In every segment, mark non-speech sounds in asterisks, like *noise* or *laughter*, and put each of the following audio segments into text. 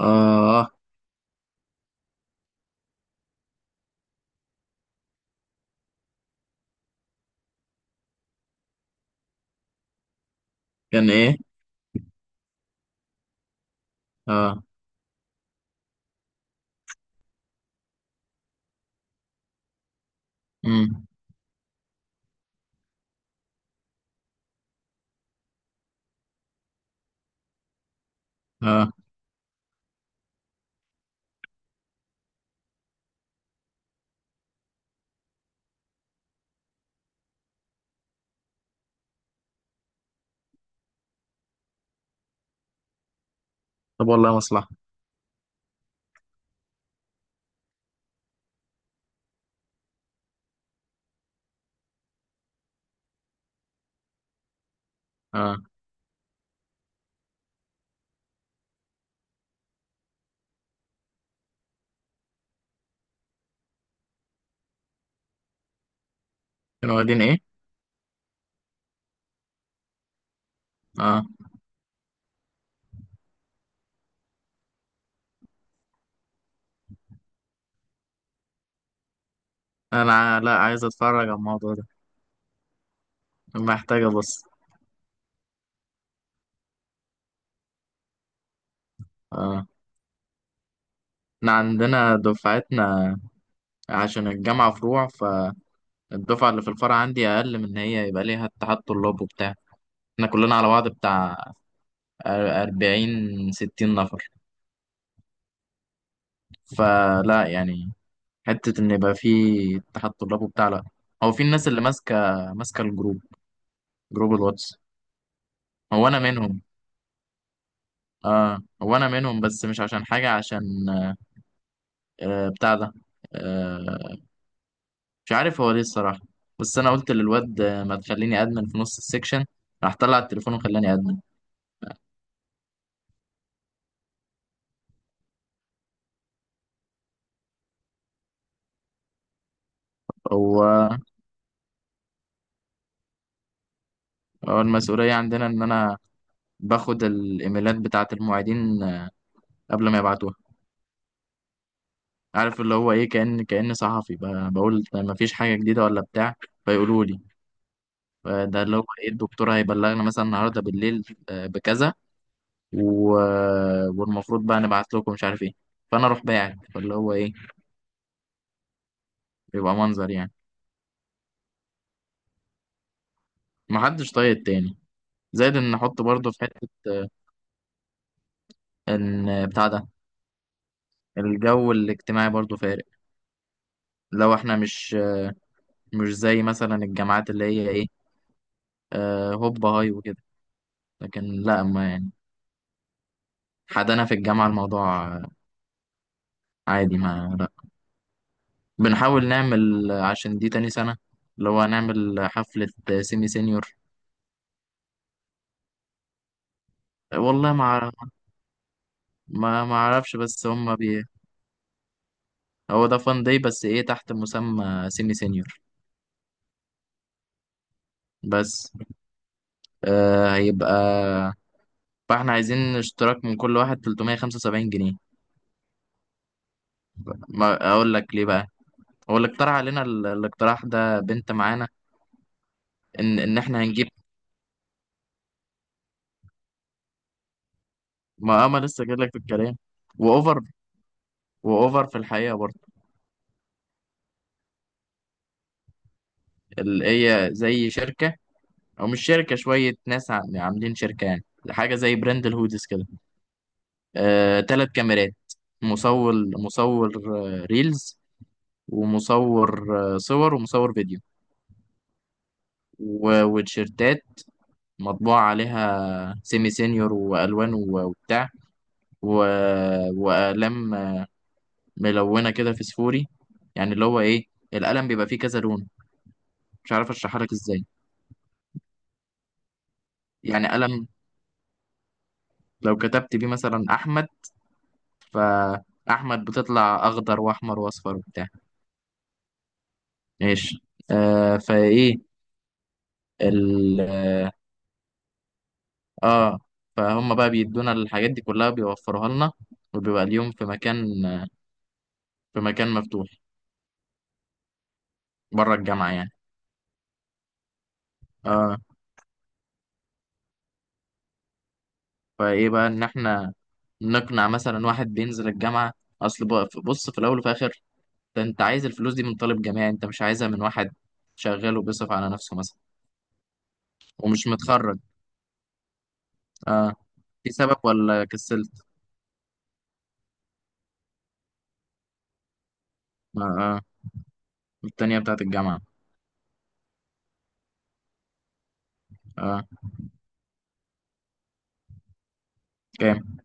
اه. كان ايه؟ اه. امم. اه. طب، والله مصلحة. اه. كانوا واخدين ايه؟ اه. لا عايز اتفرج على الموضوع ده. محتاج ابص. اه. احنا عندنا دفعتنا، عشان الجامعة فروع، فالدفعة اللي في الفرع عندي اقل من ان هي يبقى ليها اتحاد طلاب وبتاع. احنا كلنا على بعض بتاع 40-60 نفر. فلا يعني، حتة ان يبقى في اتحاد طلاب وبتاع لا. هو في الناس اللي ماسكة الجروب، جروب الواتس. هو انا منهم. اه، وانا منهم بس مش عشان حاجه، عشان بتاع ده. آه. مش عارف هو ليه الصراحه. بس انا قلت للواد ما تخليني ادمن في نص السكشن، راح طلع التليفون وخلاني ادمن. هو هو المسؤوليه عندنا ان انا باخد الايميلات بتاعه المعيدين قبل ما يبعتوها. عارف اللي هو ايه، كأن صحفي، بقول طيب ما فيش حاجه جديده ولا بتاع. فيقولوا لي ده اللي هو ايه الدكتور هيبلغنا مثلا النهارده بالليل، بكذا. و... والمفروض بقى نبعت لكم مش عارف ايه. فانا اروح باعت فاللي هو ايه، يبقى منظر يعني. محدش طايق التاني، زائد ان نحط برضه في حتة ان بتاع ده. الجو الاجتماعي برضه فارق، لو احنا مش زي مثلا الجامعات اللي هي ايه، هوب هاي وكده. لكن لا، ما يعني حدنا في الجامعة الموضوع عادي، ما لا بنحاول نعمل عشان دي تاني سنة اللي هو نعمل حفلة سيمي سينيور. والله ما أعرف- ما ما اعرفش، بس هم هو ده فان داي، بس ايه، تحت مسمى سيمي سينيور. بس هيبقى، فاحنا عايزين اشتراك من كل واحد 375 جنيه. ما اقول لك ليه بقى. هو اللي اقترح علينا الاقتراح ده بنت معانا، ان احنا هنجيب. ما اما لسه جاي لك في الكلام، واوفر، واوفر في الحقيقه برضه. اللي هي زي شركه، او مش شركه، شويه ناس عاملين شركه يعني، حاجه زي براند الهودز كده. 3 كاميرات، مصور ريلز، ومصور صور، ومصور فيديو، وتيشيرتات مطبوع عليها سيمي سينيور والوان وبتاع، واقلام ملونه كده فسفوري. يعني اللي هو ايه، القلم بيبقى فيه كذا لون. مش عارف اشرحها لك ازاي. يعني قلم لو كتبت بيه مثلا احمد، فاحمد بتطلع اخضر واحمر واصفر وبتاع. ماشي. فايه ال اه آه، فهم بقى بيدونا الحاجات دي كلها، بيوفروها لنا. وبيبقى اليوم في مكان مفتوح بره الجامعة يعني. اه. فايه بقى ان احنا نقنع مثلا واحد بينزل الجامعة. بص، في الاول وفي الاخر ده انت عايز الفلوس دي من طالب جامعي، انت مش عايزها من واحد شغال وبيصرف على نفسه مثلا. ومش متخرج. اه. في سبب ولا كسلت؟ اه، آه. التانية بتاعت الجامعة. اه. كام؟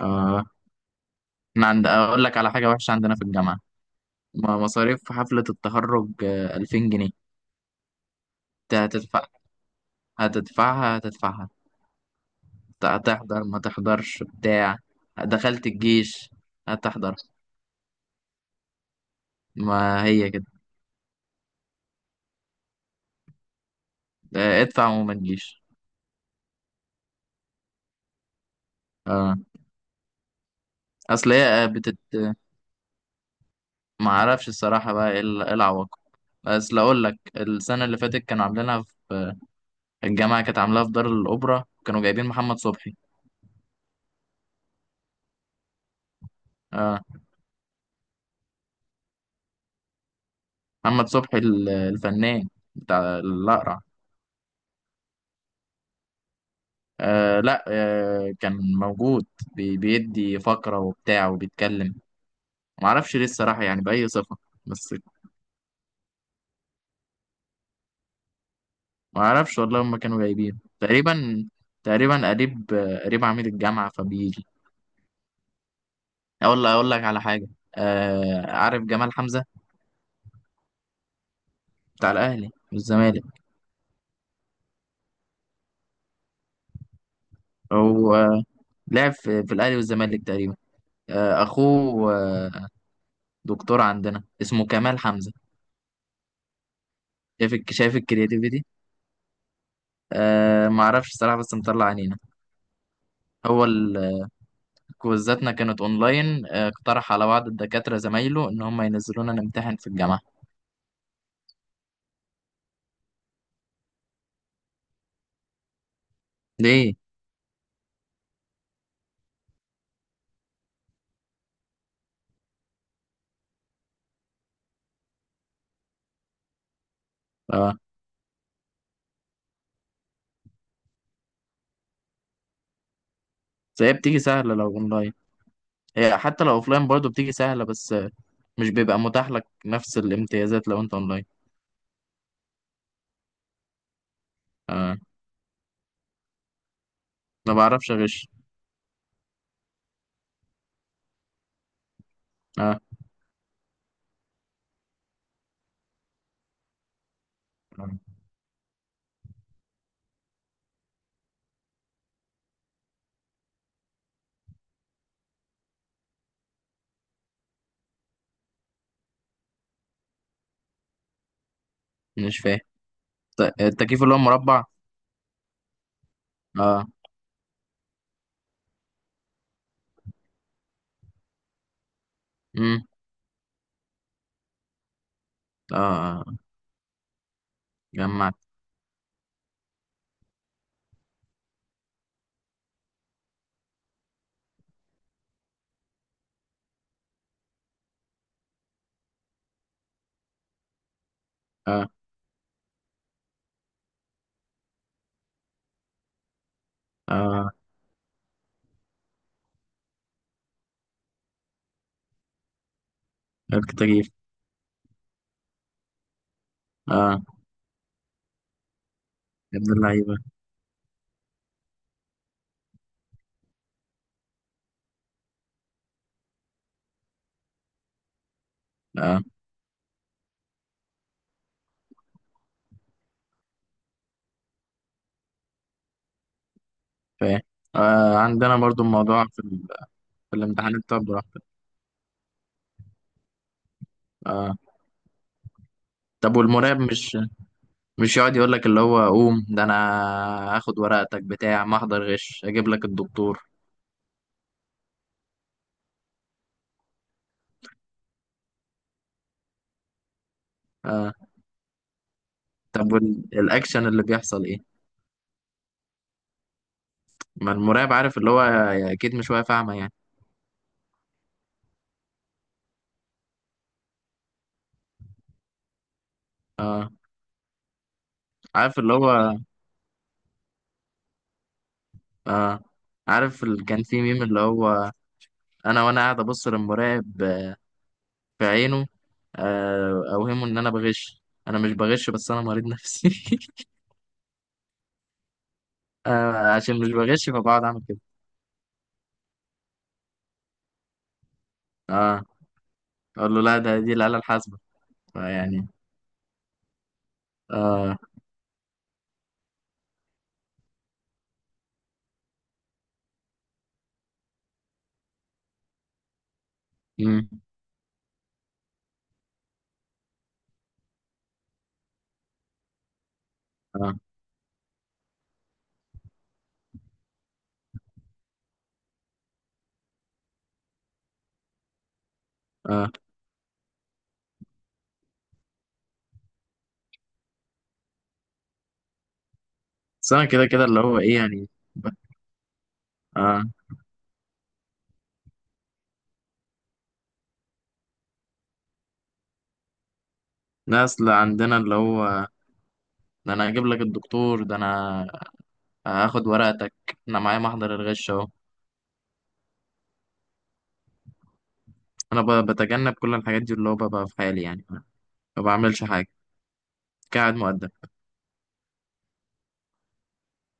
اه. احنا عند اقول لك على حاجة وحشة عندنا في الجامعة. مصاريف حفلة التخرج 2000 جنيه. انت هتدفع، هتدفعها هتدفعها. هتحضر ما تحضرش بتاع، دخلت الجيش هتحضر. ما هي كده. ادفع وما تجيش. اه. اصل هي ما اعرفش الصراحه بقى ايه إيه العواقب. بس لا، اقول لك السنه اللي فاتت كانوا عاملينها في الجامعه، كانت عاملاها في دار الاوبرا كانوا جايبين محمد صبحي. اه. محمد صبحي الفنان بتاع الاقرع. لا، كان موجود، بيدي فقره وبتاع وبيتكلم. ما اعرفش ليه الصراحه، يعني باي صفه. بس. ما اعرفش والله، هم كانوا جايبين تقريبا، تقريبا قريب قريب عميد الجامعه فبيجي. اقول لك على حاجه. عارف جمال حمزه؟ بتاع الاهلي والزمالك. هو لعب في الاهلي والزمالك تقريبا. اخوه. دكتور عندنا اسمه كمال حمزه. شايف الكرياتيفيتي. ما اعرفش الصراحه، بس مطلع عينينا. هو ال- كويزاتنا كانت اونلاين، اقترح على بعض الدكاتره زمايله ان هم ينزلونا نمتحن في الجامعه. ليه؟ اه. بس هي بتيجي سهله لو اونلاين. هي حتى لو اوفلاين برضه بتيجي سهلة، بس مش بيبقى متاح لك نفس الامتيازات لو انت اونلاين. آه. ما بعرفش اغش. آه. آه. مش فاهم. التكييف اللي هو مربع. اه. امم. اه، آه. جمعت. اه. اه، التكييف. اه. يا ابن اللعيبة. اه، فاهم. آه. عندنا برضه الموضوع في الامتحانات، طب براحتك. اه. طب والمراقب مش يقعد يقول لك اللي هو قوم، ده انا هاخد ورقتك بتاع، ما احضر غش اجيب لك الدكتور. آه، طب والاكشن اللي بيحصل ايه؟ ما المراقب عارف اللي هو، اكيد مش واقف اعمى يعني. عارف اللي هو. آه. عارف كان في ميم اللي هو انا، وانا قاعد ابص للمراقب في عينه، اوهمه ان انا بغش. انا مش بغش، بس انا مريض نفسي *laughs* عشان مش بغش فبقعد اعمل كده. اه. اقول له لا، ده دي الاله الحاسبه، فيعني. اه. مم. اه. اه. بس انا كده كده اللي هو ايه يعني. ب- اه. ناس اللي عندنا اللي هو ده انا هجيب لك الدكتور، ده انا هاخد ورقتك، انا معايا محضر الغش اهو. انا بتجنب كل الحاجات دي، اللي هو ببقى في حالي يعني ما بعملش حاجه، قاعد مؤدب.